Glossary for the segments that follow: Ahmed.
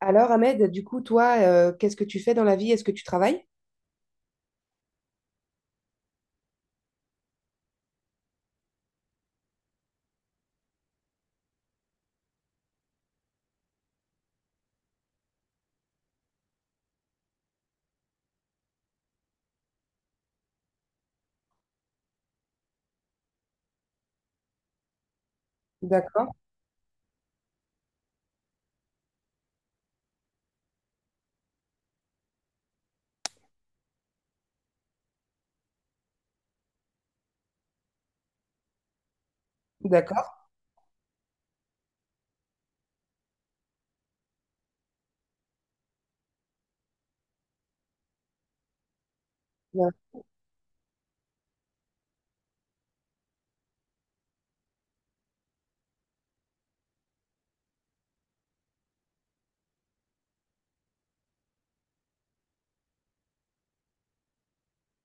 Alors, Ahmed, du coup, toi, qu'est-ce que tu fais dans la vie? Est-ce que tu travailles? D'accord, d'accord, bien,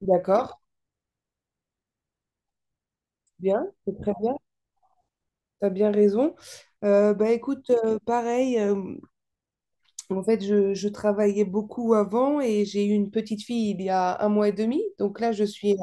d'accord, bien, c'est très bien, tu as bien raison. Bah écoute, pareil, en fait, je travaillais beaucoup avant et j'ai eu une petite fille il y a un mois et demi, donc là, je suis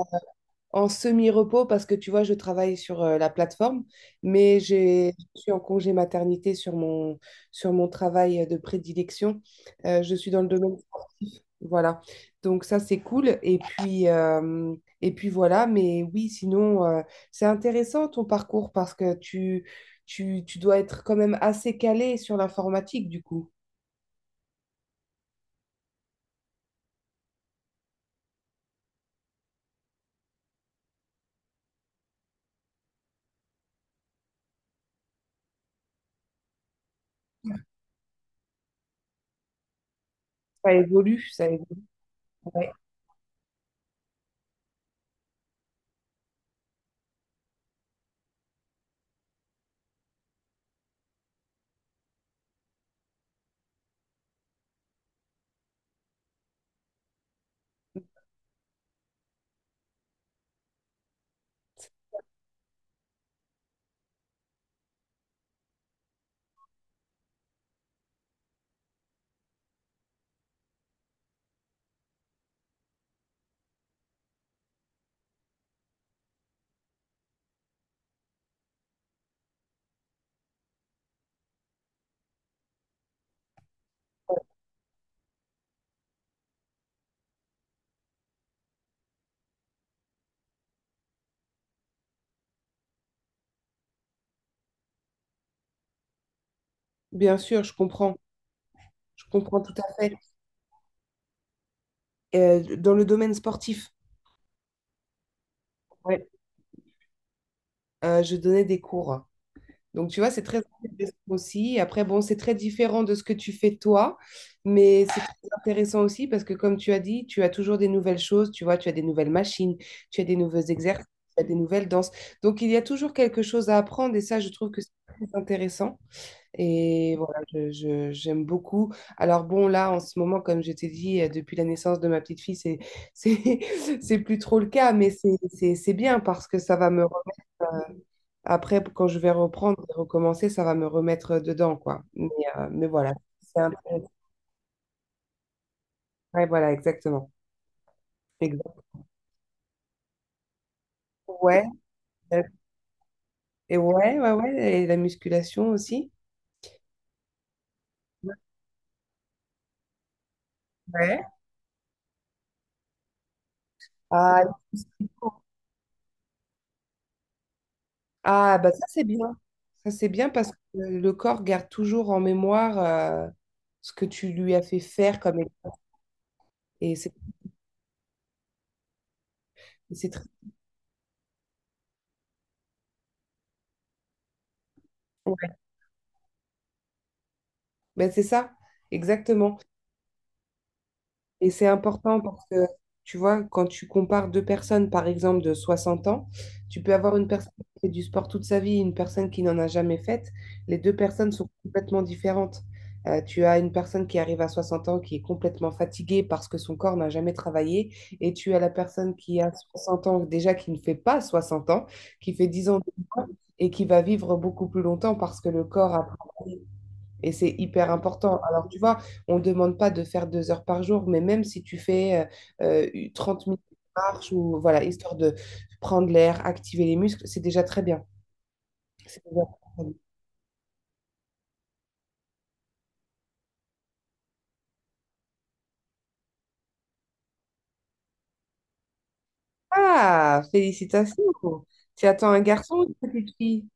en semi-repos parce que tu vois, je travaille sur la plateforme, mais je suis en congé maternité sur mon travail de prédilection. Je suis dans le domaine sportif. Voilà. Donc ça, c'est cool. Et puis voilà. Mais oui, sinon, c'est intéressant ton parcours parce que tu dois être quand même assez calé sur l'informatique, du coup. Ça évolue, ça évolue. Ouais. Bien sûr, je comprends. Je comprends tout à fait. Dans le domaine sportif. Ouais. Je donnais des cours. Donc, tu vois, c'est très intéressant aussi. Après, bon, c'est très différent de ce que tu fais toi, mais c'est très intéressant aussi parce que, comme tu as dit, tu as toujours des nouvelles choses, tu vois, tu as des nouvelles machines, tu as des nouveaux exercices, tu as des nouvelles danses. Donc, il y a toujours quelque chose à apprendre et ça, je trouve que c'est très intéressant. Et voilà, j'aime beaucoup. Alors bon, là, en ce moment, comme je t'ai dit, depuis la naissance de ma petite fille, c'est, c'est plus trop le cas, mais c'est bien parce que ça va me après, quand je vais reprendre et recommencer, ça va me remettre dedans, quoi. Mais voilà, c'est intéressant. Ouais, voilà, exactement. Exactement. Ouais, euh, et ouais, ouais, ouais, et la musculation aussi. Ouais. Ah, ah, bah ça, c'est bien. Ça, c'est bien parce que le corps garde toujours en mémoire ce que tu lui as fait faire comme... Et c'est très... Ouais. Ben, c'est ça, exactement. Et c'est important parce que, tu vois, quand tu compares deux personnes, par exemple, de 60 ans, tu peux avoir une personne qui fait du sport toute sa vie et une personne qui n'en a jamais fait. Les deux personnes sont complètement différentes. Tu as une personne qui arrive à 60 ans qui est complètement fatiguée parce que son corps n'a jamais travaillé. Et tu as la personne qui a 60 ans, déjà qui ne fait pas 60 ans, qui fait 10 ans de moins et qui va vivre beaucoup plus longtemps parce que le corps a travaillé et c'est hyper important. Alors, tu vois, on ne demande pas de faire deux heures par jour, mais même si tu fais 30 minutes de marche ou voilà, histoire de prendre l'air, activer les muscles, c'est déjà très bien. C'est déjà très bien. Ah, félicitations. Tu attends un garçon ou une petite fille?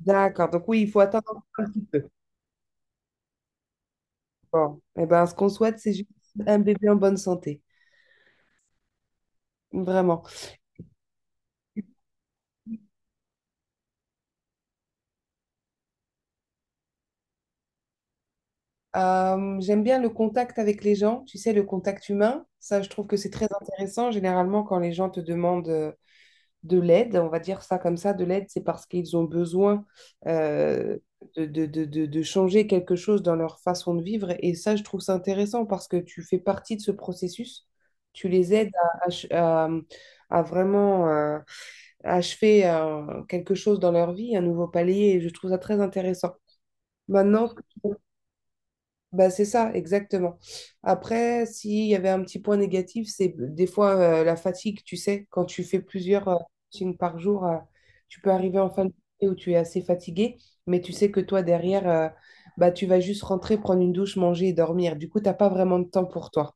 D'accord. Donc oui, il faut attendre un petit peu. Bon. Eh ben, ce qu'on souhaite, c'est juste un bébé en bonne santé. Vraiment. J'aime bien le contact avec les gens, tu sais, le contact humain. Ça, je trouve que c'est très intéressant. Généralement, quand les gens te demandent de l'aide, on va dire ça comme ça, de l'aide, c'est parce qu'ils ont besoin euh, de changer quelque chose dans leur façon de vivre. Et ça, je trouve ça intéressant parce que tu fais partie de ce processus. Tu les aides à, ach- à- À vraiment achever quelque chose dans leur vie, un nouveau palier. Et je trouve ça très intéressant. Maintenant, bah, c'est ça, exactement. Après, s'il y avait un petit point négatif, c'est des fois la fatigue, tu sais, quand tu fais plusieurs coachings par jour, tu peux arriver en fin de journée où tu es assez fatigué, mais tu sais que toi, derrière, bah, tu vas juste rentrer, prendre une douche, manger et dormir. Du coup, tu n'as pas vraiment de temps pour toi.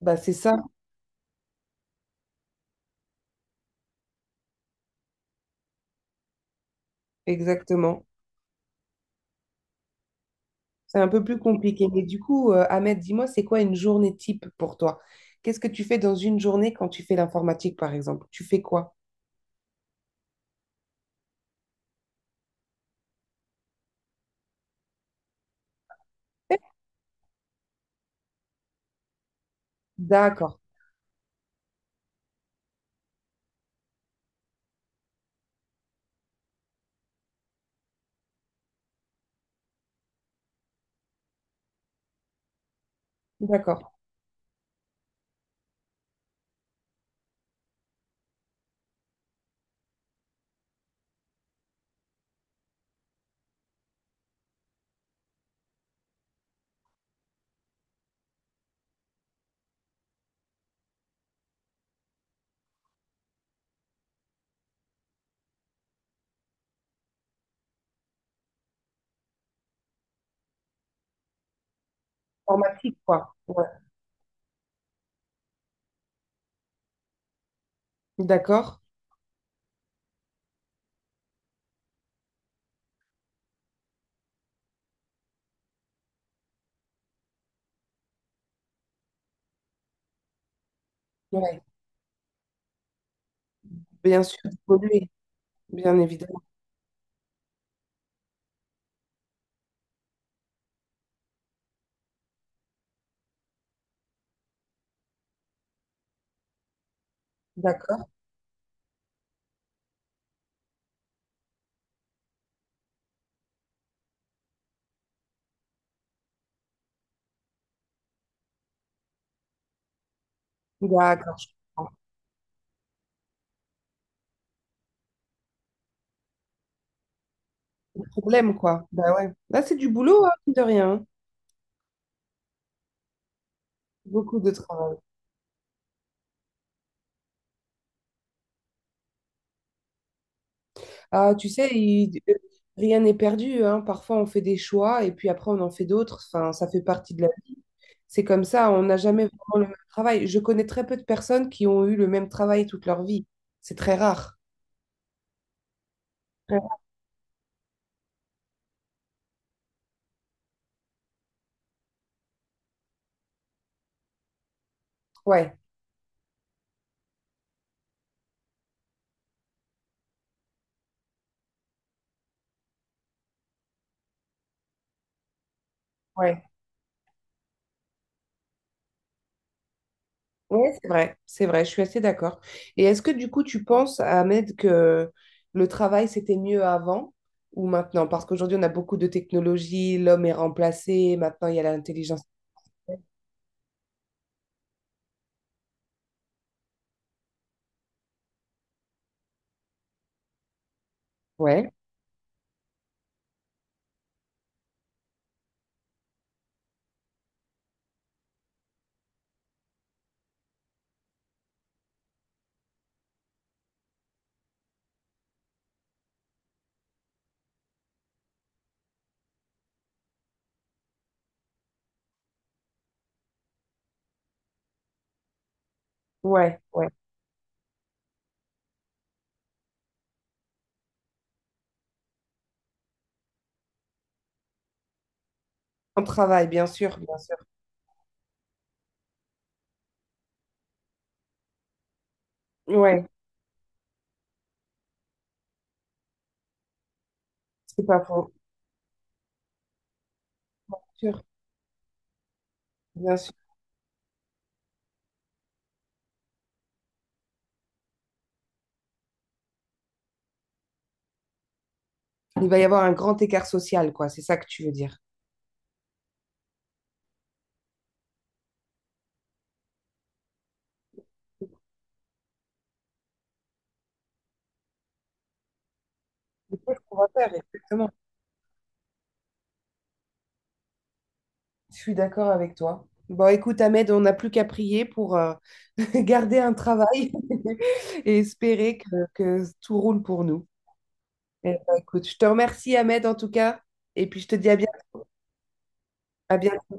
Bah, c'est ça, exactement. C'est un peu plus compliqué. Mais du coup, Ahmed, dis-moi, c'est quoi une journée type pour toi? Qu'est-ce que tu fais dans une journée quand tu fais l'informatique, par exemple? Tu fais quoi? D'accord, d'accord. Informatique, quoi. Ouais. D'accord. Ouais. Bien sûr, polluer, bien évidemment. D'accord. D'accord, je comprends. Le problème, quoi. Bah ouais. Là, c'est du boulot, hein, mine de rien. Hein. Beaucoup de travail. Ah, tu sais, rien n'est perdu, hein. Parfois, on fait des choix et puis après, on en fait d'autres. Enfin, ça fait partie de la vie. C'est comme ça, on n'a jamais vraiment le même travail. Je connais très peu de personnes qui ont eu le même travail toute leur vie. C'est très rare. Ouais, ouais. Oui, c'est vrai, je suis assez d'accord. Et est-ce que du coup, tu penses, Ahmed, que le travail, c'était mieux avant ou maintenant? Parce qu'aujourd'hui, on a beaucoup de technologies, l'homme est remplacé, maintenant, il y a l'intelligence. Ouais, ouais, ouais. En travail, bien sûr, bien sûr. Ouais, c'est pas faux. Bien sûr, bien sûr. Il va y avoir un grand écart social, quoi, c'est ça que tu veux dire. C'est ce qu'on va faire, exactement. Je suis d'accord avec toi. Bon, écoute, Ahmed, on n'a plus qu'à prier pour garder un travail et espérer que tout roule pour nous. Eh ben, écoute, je te remercie, Ahmed, en tout cas, et puis je te dis à bientôt.